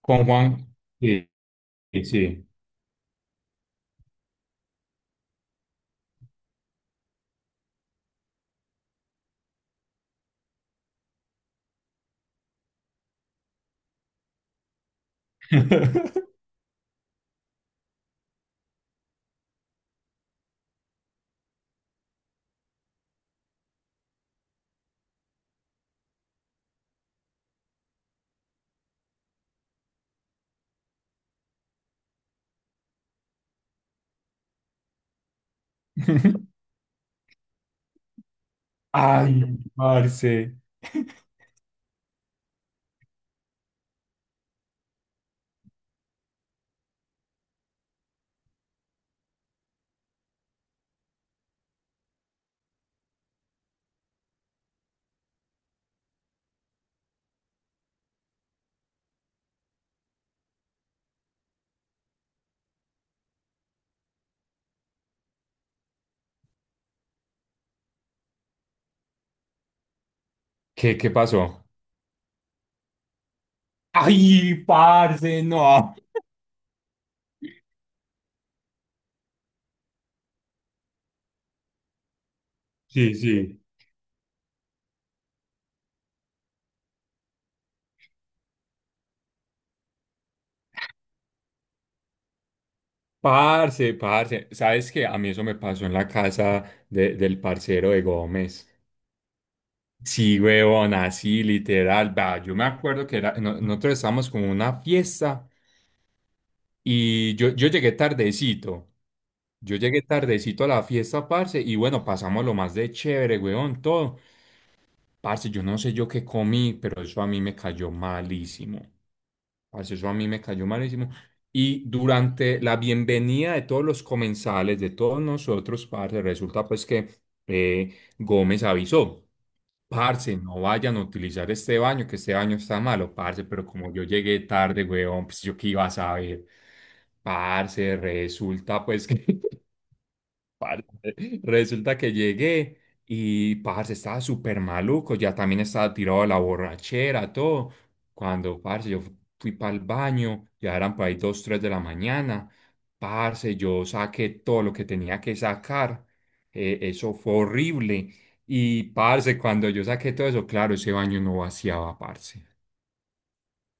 Con Juan. Y sí. Ay, parce. ¿Qué pasó? Ay, parce, no. Sí, sí. Parce, parce. ¿Sabes qué? A mí eso me pasó en la casa del parcero de Gómez. Sí, huevón, así, literal. Va, yo me acuerdo que era, no- nosotros estábamos como en una fiesta y yo llegué tardecito. Yo llegué tardecito a la fiesta, parce, y bueno, pasamos lo más de chévere, huevón, todo. Parce, yo no sé yo qué comí, pero eso a mí me cayó malísimo. Parce, eso a mí me cayó malísimo. Y durante la bienvenida de todos los comensales, de todos nosotros, parce, resulta pues que Gómez avisó, parce, no vayan a utilizar este baño, que este baño está malo, parce, pero como yo llegué tarde, weón, pues yo qué iba a saber. Parce, resulta pues que Parce, resulta que llegué y parce estaba súper maluco, ya también estaba tirado de la borrachera, todo. Cuando parce yo fui para el baño, ya eran por ahí dos, tres de la mañana. Parce, yo saqué todo lo que tenía que sacar. Eso fue horrible. Y parce, cuando yo saqué todo eso, claro, ese baño no vaciaba, parce.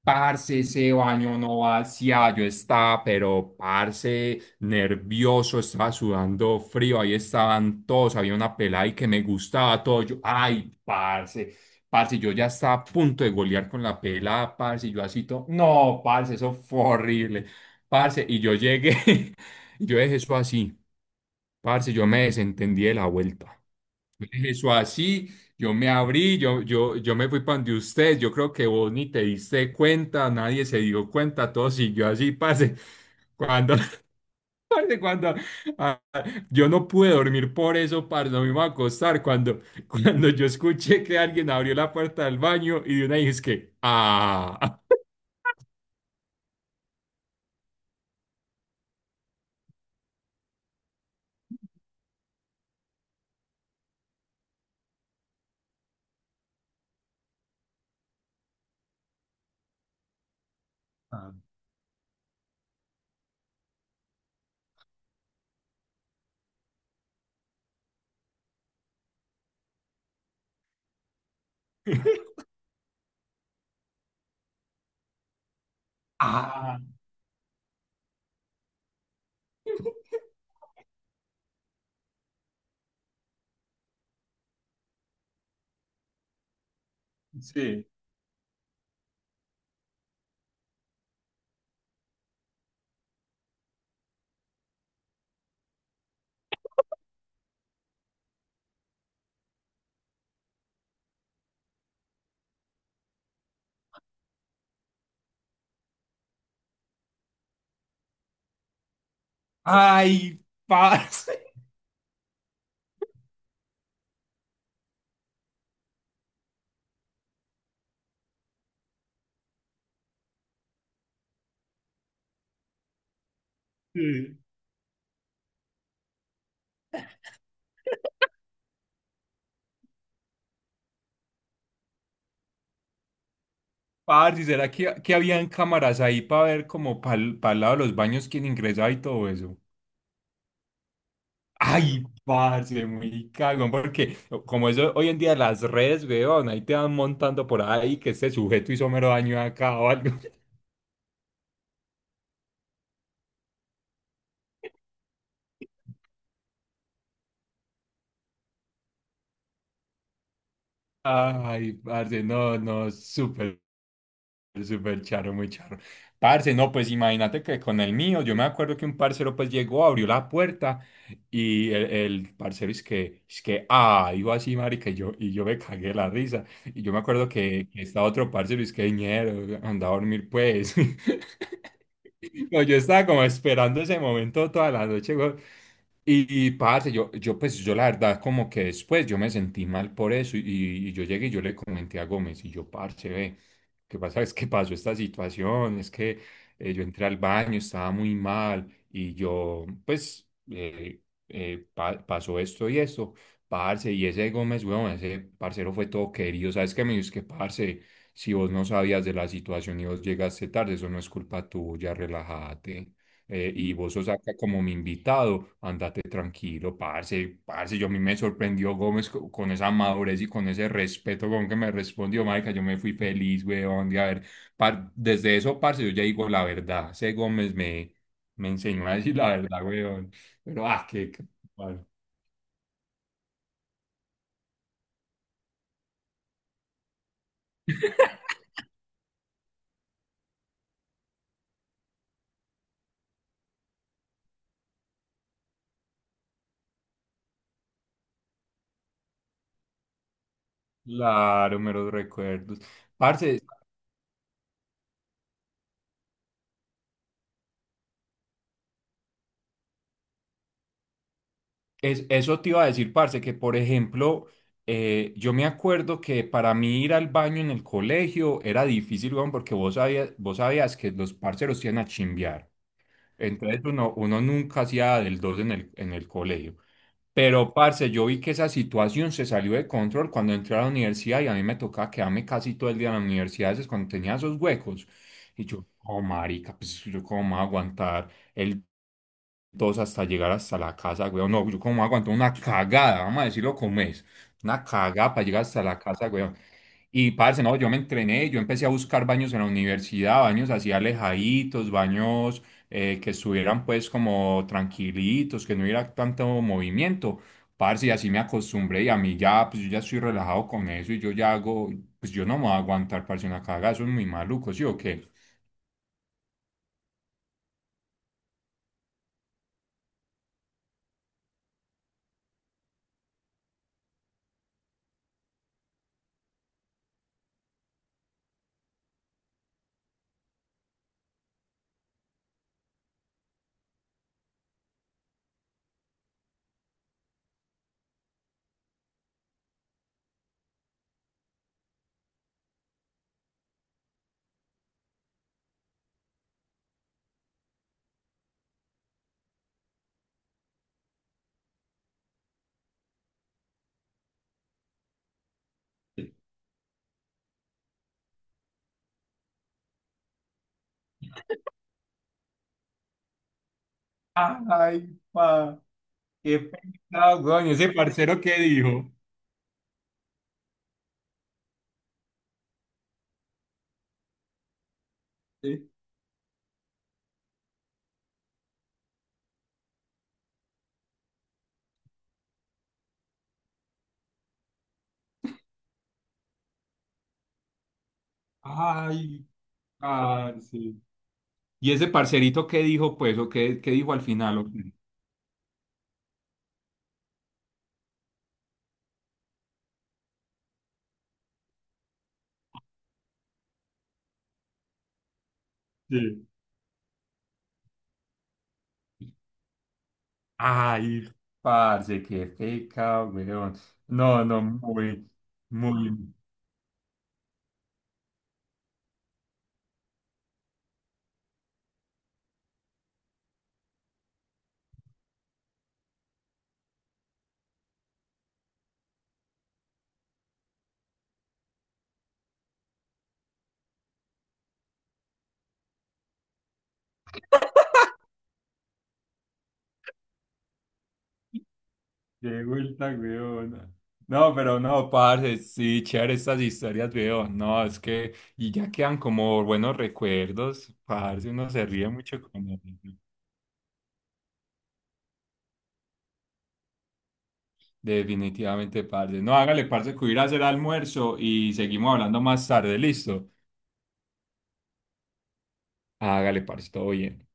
Parce, ese baño no vacía, yo estaba, pero parce, nervioso, estaba sudando frío, ahí estaban todos, había una pelada y que me gustaba todo, yo, ay, parce, parce, yo ya estaba a punto de golear con la pelada, parce, y yo así todo, no, parce, eso fue horrible, parce, y yo llegué, y yo dejé eso así, parce, yo me desentendí de la vuelta. Yo dejé eso así, yo me abrí, yo me fui para donde usted, yo creo que vos ni te diste cuenta, nadie se dio cuenta, todo siguió así, pase. Cuando, parce, cuando ah, yo no pude dormir por eso, parce, no me iba a acostar. Cuando, cuando yo escuché que alguien abrió la puerta del baño y de una dije, es que. Ah. Ah, sí. Ay, parce. Parce, ¿será que habían cámaras ahí para ver como para el lado de los baños quién ingresaba y todo eso? Ay, parce, muy cagón, porque como eso hoy en día las redes, weón, ahí te van montando por ahí que este sujeto hizo mero daño acá o algo. Ay, parce, no, no, Súper charro, muy charro. Parce, no, pues imagínate que con el mío, yo me acuerdo que un parcero pues llegó, abrió la puerta y el parcero es que, iba así, marica, y yo me cagué la risa. Y yo me acuerdo que estaba otro parcero y es que, ñero, anda a dormir pues. No, yo estaba como esperando ese momento toda la noche, weón. Y, parce, yo pues yo la verdad como que después yo me sentí mal por eso y yo llegué y yo le comenté a Gómez y yo, parce, ve. ¿Qué pasa? Es que pasó esta situación, es que yo entré al baño, estaba muy mal y yo, pues, pasó esto y esto, parce, y ese Gómez, weón, ese parcero fue todo querido, ¿sabes qué? Me dijo, es que, parce, si vos no sabías de la situación y vos llegaste tarde, eso no es culpa tuya, relájate y vos sos acá como mi invitado, andate tranquilo, parce, parce, yo a mí me sorprendió Gómez con, esa madurez y con ese respeto con que me respondió, marica, yo me fui feliz, weón, de haber, desde eso, parce, yo ya digo la verdad, ese Gómez me, enseñó a decir la verdad, weón, pero. Claro, meros recuerdos, parce. Eso te iba a decir, parce, que por ejemplo, yo me acuerdo que para mí ir al baño en el colegio era difícil, weón, porque vos sabías que los parceros iban a chimbear. Entonces uno nunca hacía del dos en el colegio. Pero, parce, yo vi que esa situación se salió de control cuando entré a la universidad y a mí me tocaba quedarme casi todo el día en la universidad, es cuando tenía esos huecos. Y yo, oh, marica, pues yo cómo me voy a aguantar el todos hasta llegar hasta la casa, weón. No, yo como aguanto una cagada, vamos a decirlo como es. Una cagada para llegar hasta la casa, weón. Y parce, no, yo me entrené, yo empecé a buscar baños en la universidad, baños así alejaditos, baños que estuvieran pues como tranquilitos, que no hubiera tanto movimiento. Parce, y así me acostumbré y a mí ya, pues yo ya estoy relajado con eso y yo ya hago, pues yo no me voy a aguantar, parce, una cagada, eso es muy maluco, ¿sí o qué? Ay, pa, qué pecado, coño. Ese parcero que dijo. Sí. Ay, ay, sí. ¿Y ese parcerito qué dijo, pues, o qué dijo al final? ¿O qué? Sí. Ay, parce, qué feca, weón. No, no, muy, muy, qué vuelta, weón. No, pero no, parce, sí, chévere estas historias, weón. No, es que, y ya quedan como buenos recuerdos, parce, uno se ríe mucho con eso. Definitivamente, parce. No, hágale, parce, que voy a ir a hacer almuerzo y seguimos hablando más tarde, listo. Hágale, parce, todo bien.